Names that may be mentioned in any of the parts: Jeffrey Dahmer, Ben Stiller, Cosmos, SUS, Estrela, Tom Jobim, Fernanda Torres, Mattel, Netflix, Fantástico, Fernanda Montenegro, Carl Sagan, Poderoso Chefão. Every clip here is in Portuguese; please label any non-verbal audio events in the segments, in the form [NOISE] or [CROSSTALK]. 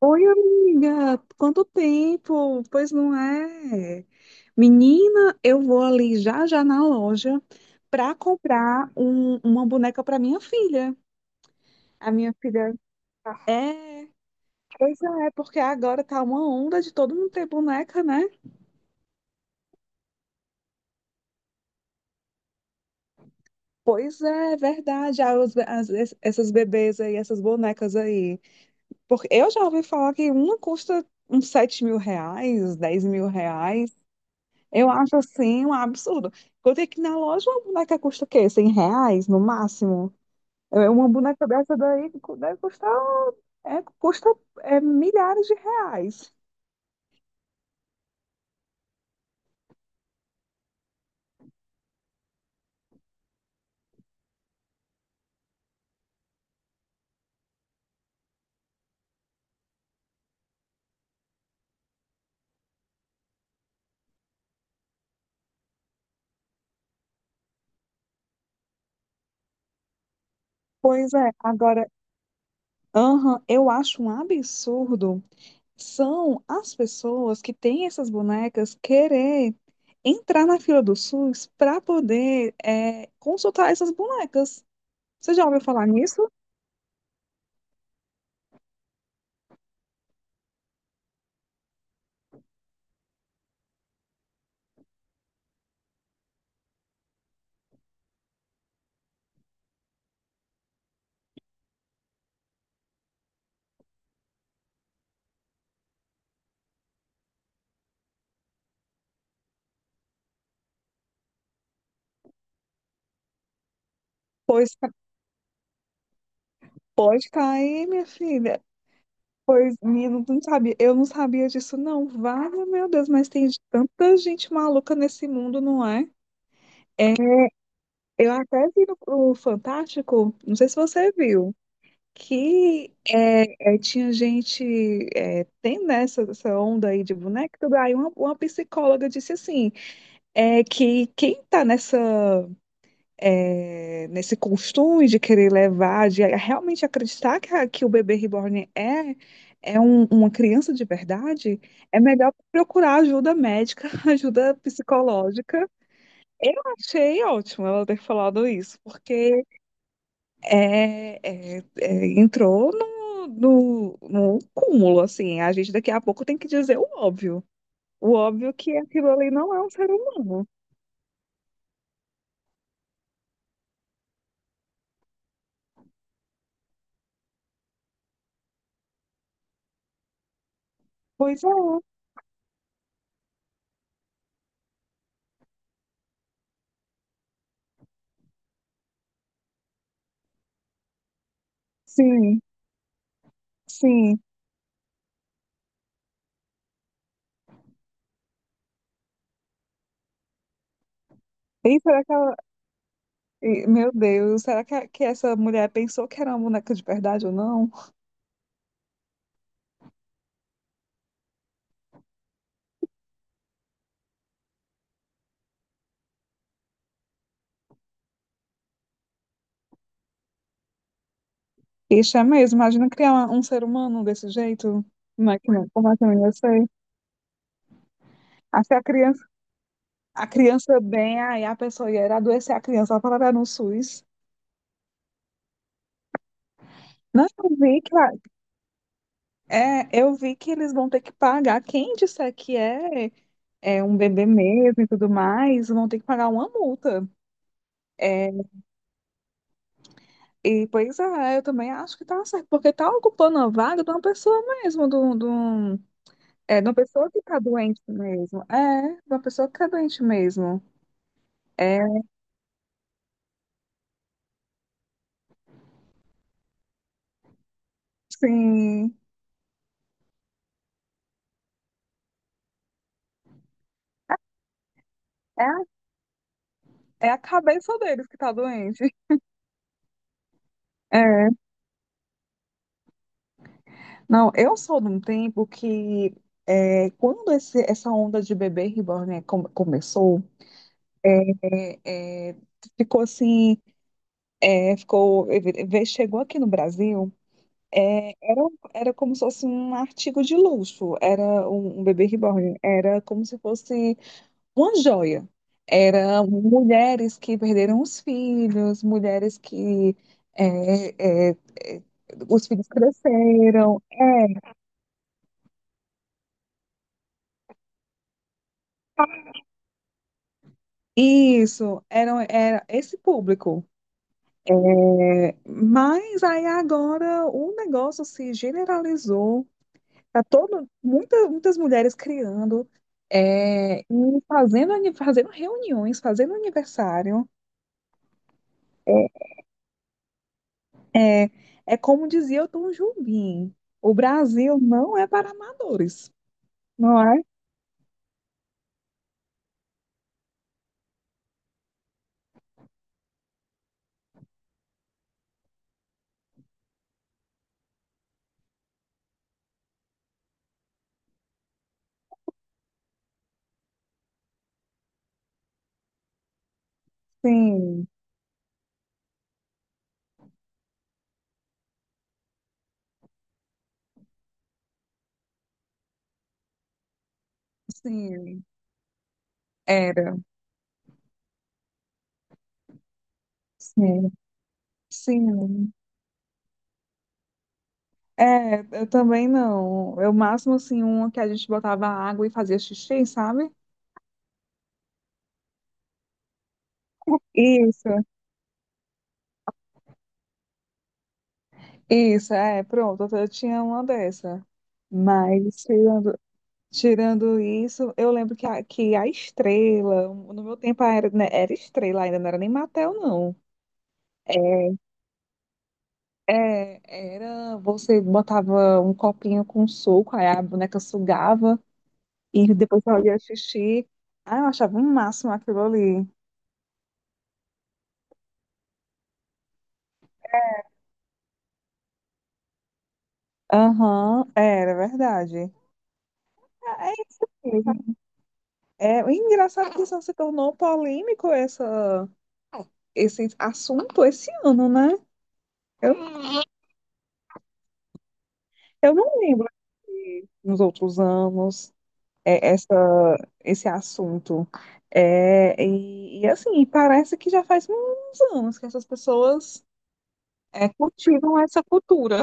Oi, amiga, quanto tempo? Pois não é? Menina, eu vou ali já já na loja para comprar uma boneca para minha filha. A minha filha é, pois é, porque agora tá uma onda de todo mundo ter boneca, né? Pois é, é verdade. Ah, essas bebês aí, essas bonecas aí. Porque eu já ouvi falar que uma custa uns R$ 7.000, R$ 10.000. Eu acho assim um absurdo. Eu tenho que ir na loja, uma boneca custa o quê? R$ 100 no máximo? Uma boneca dessa daí deve custar, custa milhares de reais. Pois é, agora, aham, eu acho um absurdo, são as pessoas que têm essas bonecas querer entrar na fila do SUS para poder consultar essas bonecas. Você já ouviu falar nisso? Pois pode cair, minha filha. Pois, menino, não sabia. Eu não sabia disso, não. Vale, meu Deus, mas tem tanta gente maluca nesse mundo, não é? Eu até vi no Fantástico, não sei se você viu. Que tinha gente, tem nessa essa onda aí de boneca, tudo. Aí uma psicóloga disse assim, que quem está nessa, nesse costume de querer levar, de realmente acreditar que, que o bebê reborn é uma criança de verdade, é melhor procurar ajuda médica, [LAUGHS] ajuda psicológica. Achei ótimo ela ter falado isso, porque é, entrou no cúmulo, assim. A gente daqui a pouco tem que dizer o óbvio. O óbvio que aquilo ali não é um ser humano. Pois é, sim, sim. E será que ela... e, meu Deus, será que essa mulher pensou que era uma boneca de verdade ou não? Isso é mesmo, imagina criar um ser humano desse jeito. Como é que, como é que eu ia ser? Aí se a criança, a criança bem, aí a pessoa ia adoecer a criança, ela vai parar no SUS. Não, eu vi que eles vão ter que pagar. Quem disser que é um bebê mesmo e tudo mais, vão ter que pagar uma multa. É, e pois é, eu também acho que tá certo, porque tá ocupando a vaga de uma pessoa mesmo, de uma pessoa que tá doente mesmo. É, de uma pessoa que tá doente mesmo. É, sim. É, a- é a cabeça deles que tá doente. É. Não, eu sou de um tempo que quando essa onda de bebê reborn, né, começou. É, é, ficou assim, chegou aqui no Brasil. Era como se fosse um artigo de luxo, era um bebê reborn, era como se fosse uma joia. Era mulheres que perderam os filhos, mulheres que é, é, é, os filhos cresceram. É, isso, era esse público. É, mas aí agora o negócio se generalizou. Tá todo, muitas mulheres criando, e fazendo, fazendo reuniões, fazendo aniversário. É, é é, como dizia o Tom Jobim, o Brasil não é para amadores. Não é? Sim, sim, era. Sim, sim. É, eu também não. Eu máximo assim, uma que a gente botava água e fazia xixi, sabe? Isso, isso, pronto, eu tinha uma dessa. Mas tirando Tirando isso, eu lembro que a Estrela, no meu tempo era, né, era Estrela ainda, não era nem Mattel, não. É, era, você botava um copinho com suco, aí a boneca sugava e depois fazia xixi. Ah, eu achava um máximo aquilo ali. Aham, era verdade. Ah, é isso mesmo. O engraçado é que só se tornou polêmico esse assunto esse ano, né? Eu, eu não lembro nos outros anos. É, essa, esse assunto. É, e, assim, parece que já faz uns anos que essas pessoas cultivam essa cultura.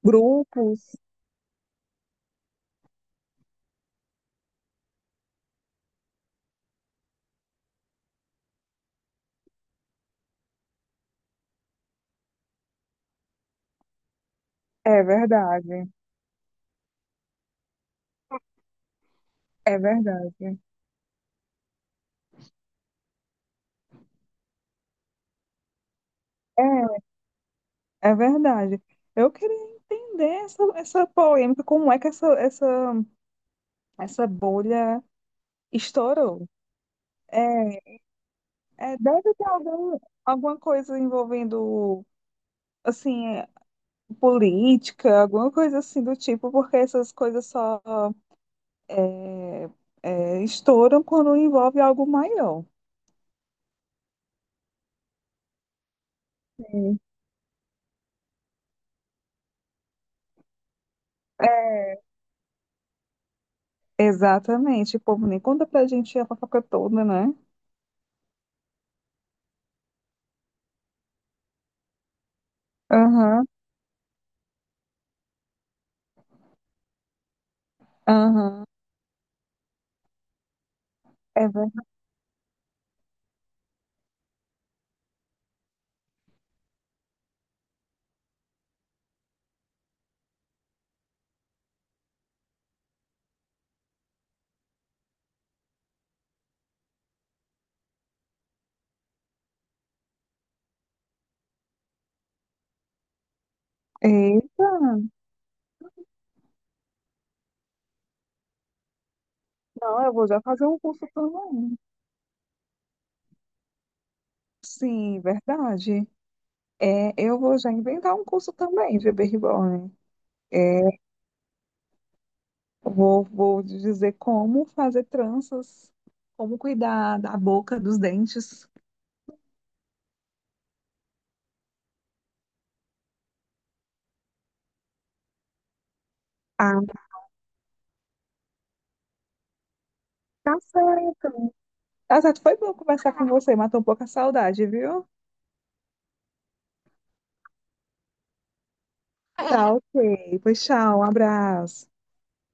Grupos, é verdade, é verdade, é, é verdade. Eu queria entender essa polêmica, como é que essa bolha estourou. É, deve ter alguma coisa envolvendo assim, política, alguma coisa assim do tipo, porque essas coisas só é, estouram quando envolve algo maior. Sim. Exatamente. O povo nem conta pra gente a fofoca toda, né? Aham, aham. É verdade. Eita! Não, eu vou já fazer um curso também. Sim, verdade. Eu vou já inventar um curso também de Baby Reborn. É, vou dizer como fazer tranças, como cuidar da boca, dos dentes. Ah, tá certo. Tá certo, foi bom conversar com você, matou um pouco a saudade, viu? Tá, ok. Pois tchau, um abraço.